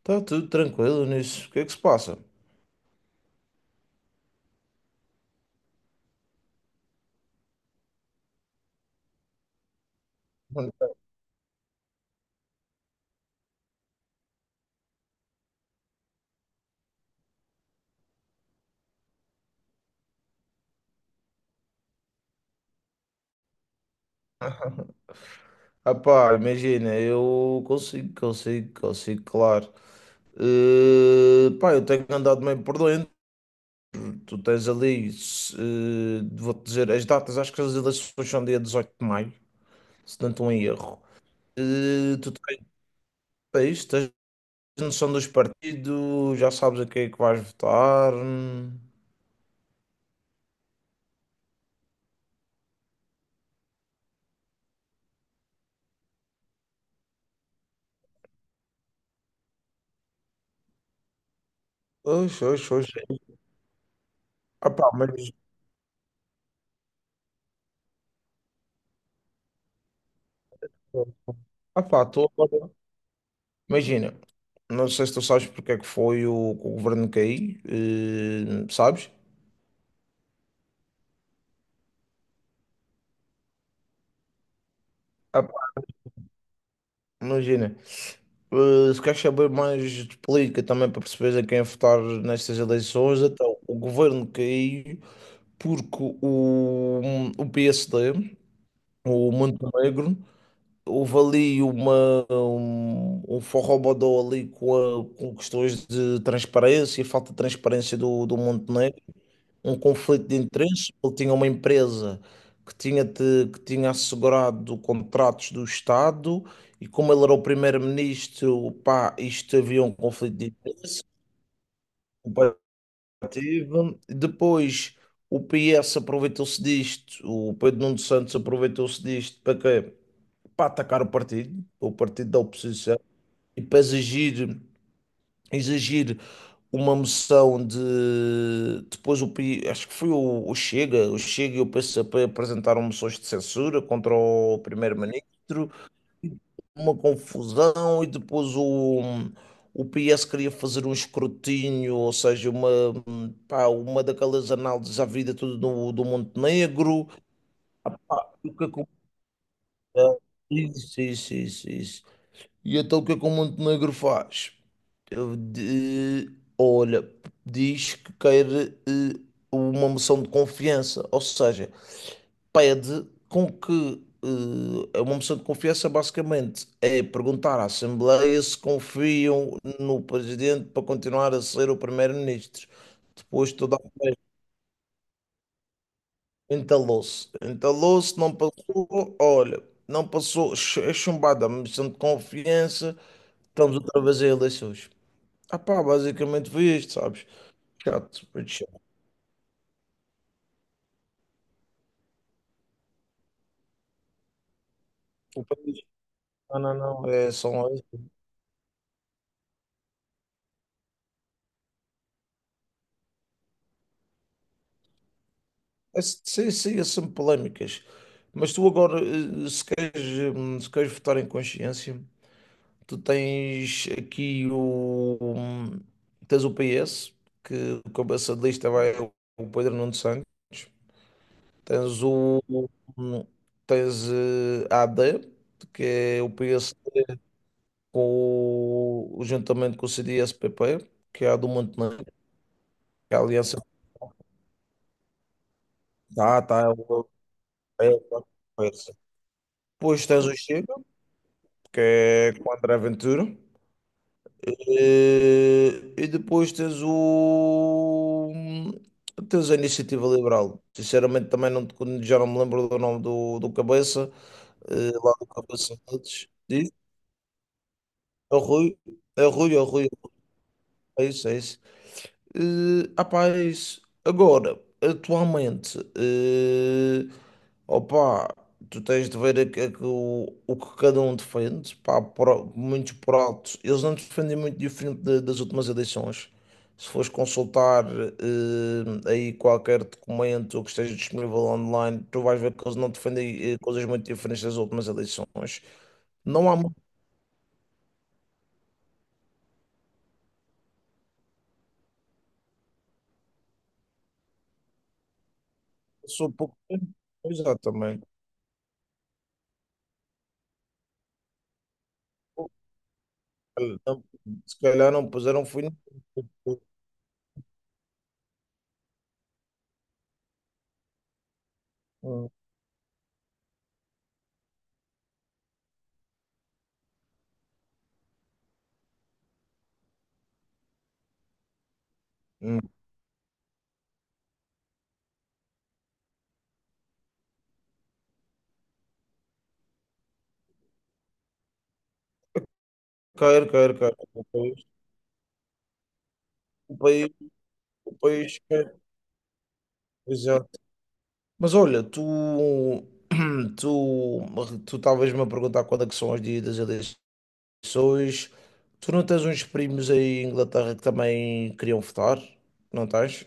Está tudo tranquilo nisso. O que é que se passa? Ah pá, imagina, eu consigo, consigo, consigo, claro. Pá, eu tenho andado meio por dentro. Tu tens ali, se, eh, vou-te dizer as datas. Acho que as eleições são dia 18 de maio, se não estou em erro. Tu tens, tens noção dos partidos, já sabes a quem é que vais votar. Oxe, oxe, oxe. Ah pá, mas. Ah pá, estou agora. Imagina, não sei se tu sabes porque é que foi que o governo cair, sabes? Ah, pá, imagina, se queres saber mais de política também, para perceberes a quem votar nestas eleições. Então o governo caiu porque o PSD, o Montenegro, houve ali um forrobodó ali com, com questões de transparência, falta de transparência do Montenegro. Um conflito de interesses. Ele tinha uma empresa que tinha, que tinha assegurado contratos do Estado, e como ele era o primeiro-ministro, pá, isto havia um conflito de interesses comparativo. Depois o PS aproveitou-se disto, o Pedro Nuno Santos aproveitou-se disto para quê? Para atacar o partido da oposição, e para exigir, exigir uma moção de. Depois acho que foi o Chega e o PCP apresentaram moções de censura contra o primeiro-ministro, uma confusão. E depois o PS queria fazer um escrutínio, ou seja, uma daquelas análises à vida tudo do Montenegro. O que aconteceu? Isso, isso, isso, isso. E então o que é que o Montenegro faz? Eu de- Olha, diz que quer eh, uma moção de confiança, ou seja, pede com que é uma moção de confiança. Basicamente, é perguntar à Assembleia se confiam no presidente para continuar a ser o primeiro-ministro. Depois toda a festa entalou-se. Entalou-se, não passou. Olha, não passou. É chumbada a moção de confiança, estamos outra vez em eleições. Ah pá, basicamente foi isto, sabes? Chato, muito chato. O país, não, não, não, é, são, é, é, sim, sim, é sempre polémicas. Mas tu agora, se queres, se queres votar em consciência, tu tens aqui tens o PS, que o cabeça de lista vai o Pedro Nuno Santos. Tens hum, tens a AD, que é o PS com o, juntamente com o CDS-PP, que é a do Montenegro, que a aliança tá, tá, é o- é conversa. Depois tens o Chega, que é com o André Ventura. Depois tens o. Tens a Iniciativa Liberal. Sinceramente, também já não me lembro do nome do cabeça, lá do cabeça deles. Diz? É o Rui. É o Rui, é o Rui. É isso, é isso. Rapaz, agora, atualmente, opá, tu tens de ver o que cada um defende, pá. Muitos por altos, eles não defendem muito diferente das últimas eleições. Se fores consultar aí qualquer documento que esteja disponível online, tu vais ver que eles não defendem coisas muito diferentes das últimas eleições. Não há muito, sou pouco tempo, exatamente. Se calhar não puseram fim. Hum, hum. Quero, quero, quero. O país, o país, o país quer. Exato. Mas olha, tu, tu, tu talvez me a perguntar quando é que são os dias das eleições. Tu não tens uns primos aí em Inglaterra que também queriam votar? Não tens?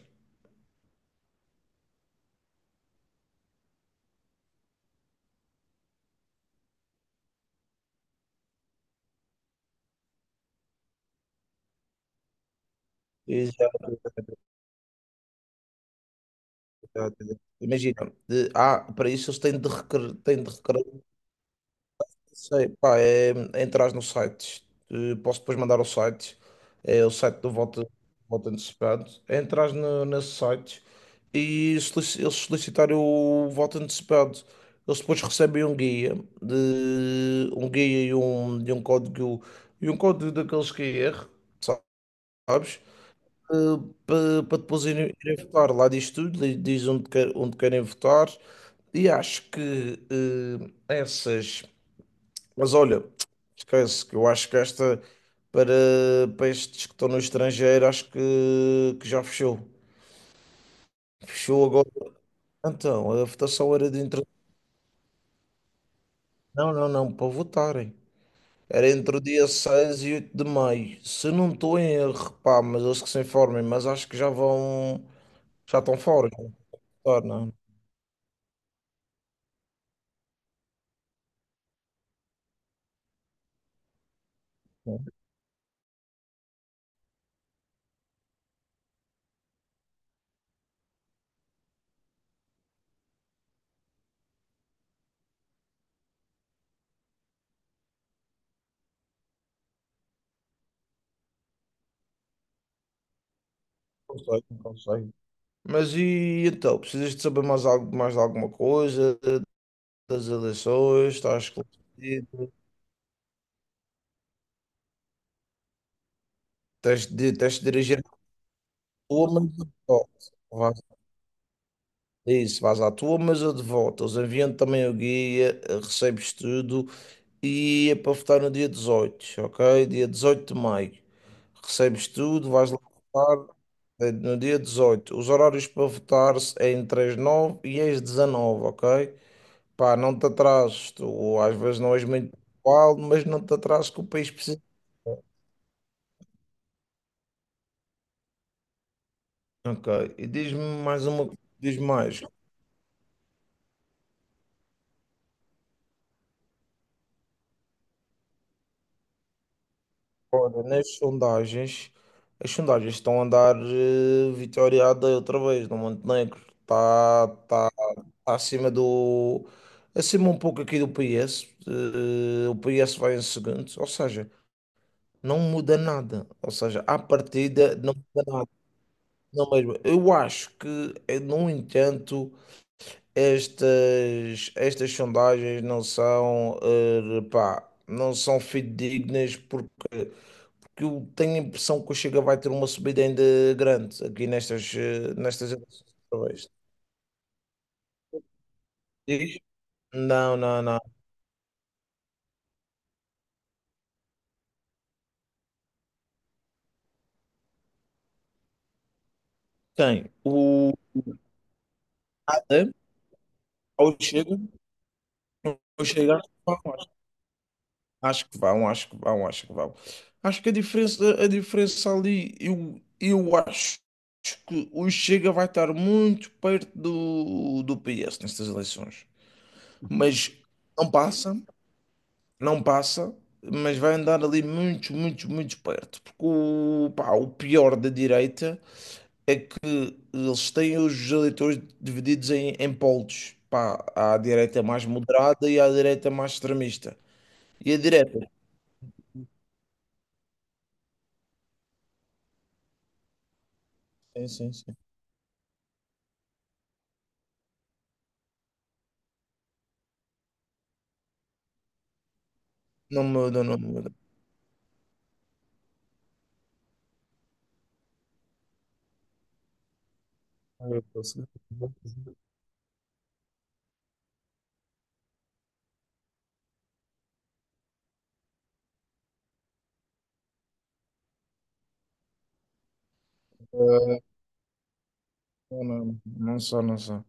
Exato, exato, exato. Imagina, para isso eles têm de requerer. Sei, pá, é entrar no site. Posso depois mandar o site. É o site do voto, voto antecipado. É entrar no, nesse site e eles solicitarem o voto antecipado. Eles depois recebem um guia, um guia e um código daqueles QR, sabes? Para depois irem, irem votar. Lá diz tudo. Diz onde, onde querem votar. E acho que essas. Mas olha, esquece que eu acho que esta, para, estes que estão no estrangeiro, acho que já fechou. Fechou agora. Então, a votação era de entre. Não, não, não, para votarem. Era entre o dia 6 e 8 de maio, se não estou em erro, pá, mas eles que se informem, mas acho que já vão. Já estão fora. Não, votar, não, não não sei, não sei. Mas e então, precisas de saber mais, algo, mais de alguma coisa das eleições? Estás esclarecido? Tens de dirigir à tua, mas eu de volta. Vais- Isso, vais à tua, mas eu de volta. Os enviam também o guia, recebes tudo e é para votar no dia 18, ok? Dia 18 de maio. Recebes tudo, vais lá votar no dia 18. Os horários para votar é entre as 9 e as 19, ok? Pá, não te atrases, tu às vezes não és muito pontual, mas não te atrases que o país precisa. Ok, e diz-me mais uma, diz mais. Nas sondagens, as sondagens estão a andar vitoriada outra vez no Montenegro. Tá acima do. Acima um pouco aqui do PS. O PS vai em segundo. Ou seja, não muda nada. Ou seja, à partida não muda nada. Não mesmo. Eu acho que, no entanto, estas sondagens não são, não são fidedignas, porque que eu tenho a impressão que o Chega vai ter uma subida ainda grande aqui nestas eleições. Outra vez. Diz? Não, não, não. Tem o Haddad, ou o Chega, acho que vão, acho que vão, acho que vão. Acho que vão. Acho que a diferença ali, eu acho que o Chega vai estar muito perto do PS nestas eleições, mas não passa. Não passa, mas vai andar ali muito, muito, muito perto. Porque o pior da direita é que eles têm os eleitores divididos em polos. Pá, há a direita mais moderada e há a direita mais extremista. E a direita? Sim, sim, sim. Não muda, não muda. Eu consigo. Eh, Não, não só, não só.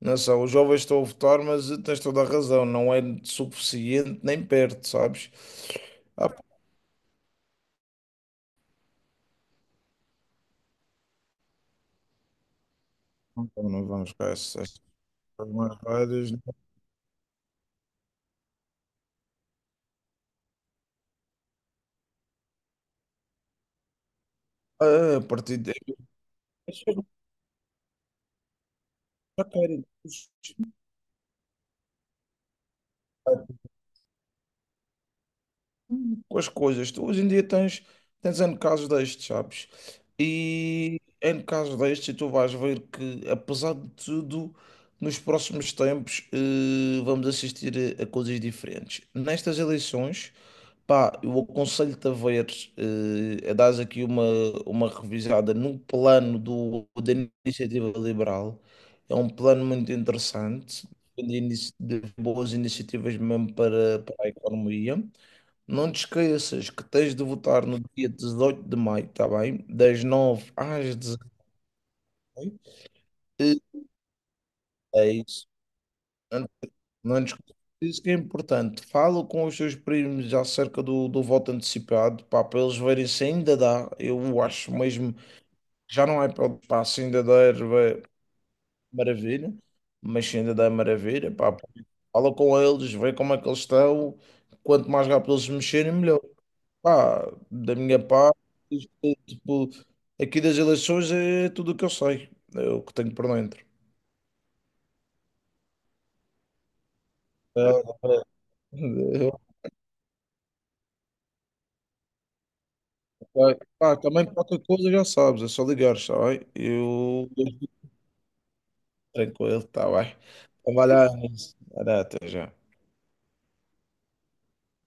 Não só, os jovens estão a votar, mas tens toda a razão, não é suficiente nem perto, sabes? Ah, pá, então não vamos para essa. Armadas, ah, a partir de. Isso é o que já querem com as coisas. Tu hoje em dia tens, N casos destes, sabes? E N casos destes, e tu vais ver que, apesar de tudo, nos próximos tempos vamos assistir a coisas diferentes. Nestas eleições, pá, eu aconselho-te a ver, a dar aqui uma revisada no plano da Iniciativa Liberal. É um plano muito interessante, de boas iniciativas mesmo para a economia. Não te esqueças que tens de votar no dia 18 de maio, tá bem? Das 9 às 18. É isso. Não discuto. Isso que é importante. Fala com os seus primos acerca do voto antecipado, pá, para eles verem se ainda dá. Eu acho mesmo, já não é para pá, se ainda dá, vai maravilha, mas se ainda dá, é maravilha, pá, pá. Fala com eles, vê como é que eles estão. Quanto mais rápido eles mexerem, melhor. Pá, da minha parte, isto é, tipo, aqui das eleições é tudo o que eu sei, é o que tenho por dentro. É, é, vai. Pá, também qualquer coisa já sabes, é só ligar, está bem? Eu estou tranquilo, está bem? Então vai lá, Anis. Vai lá, até já.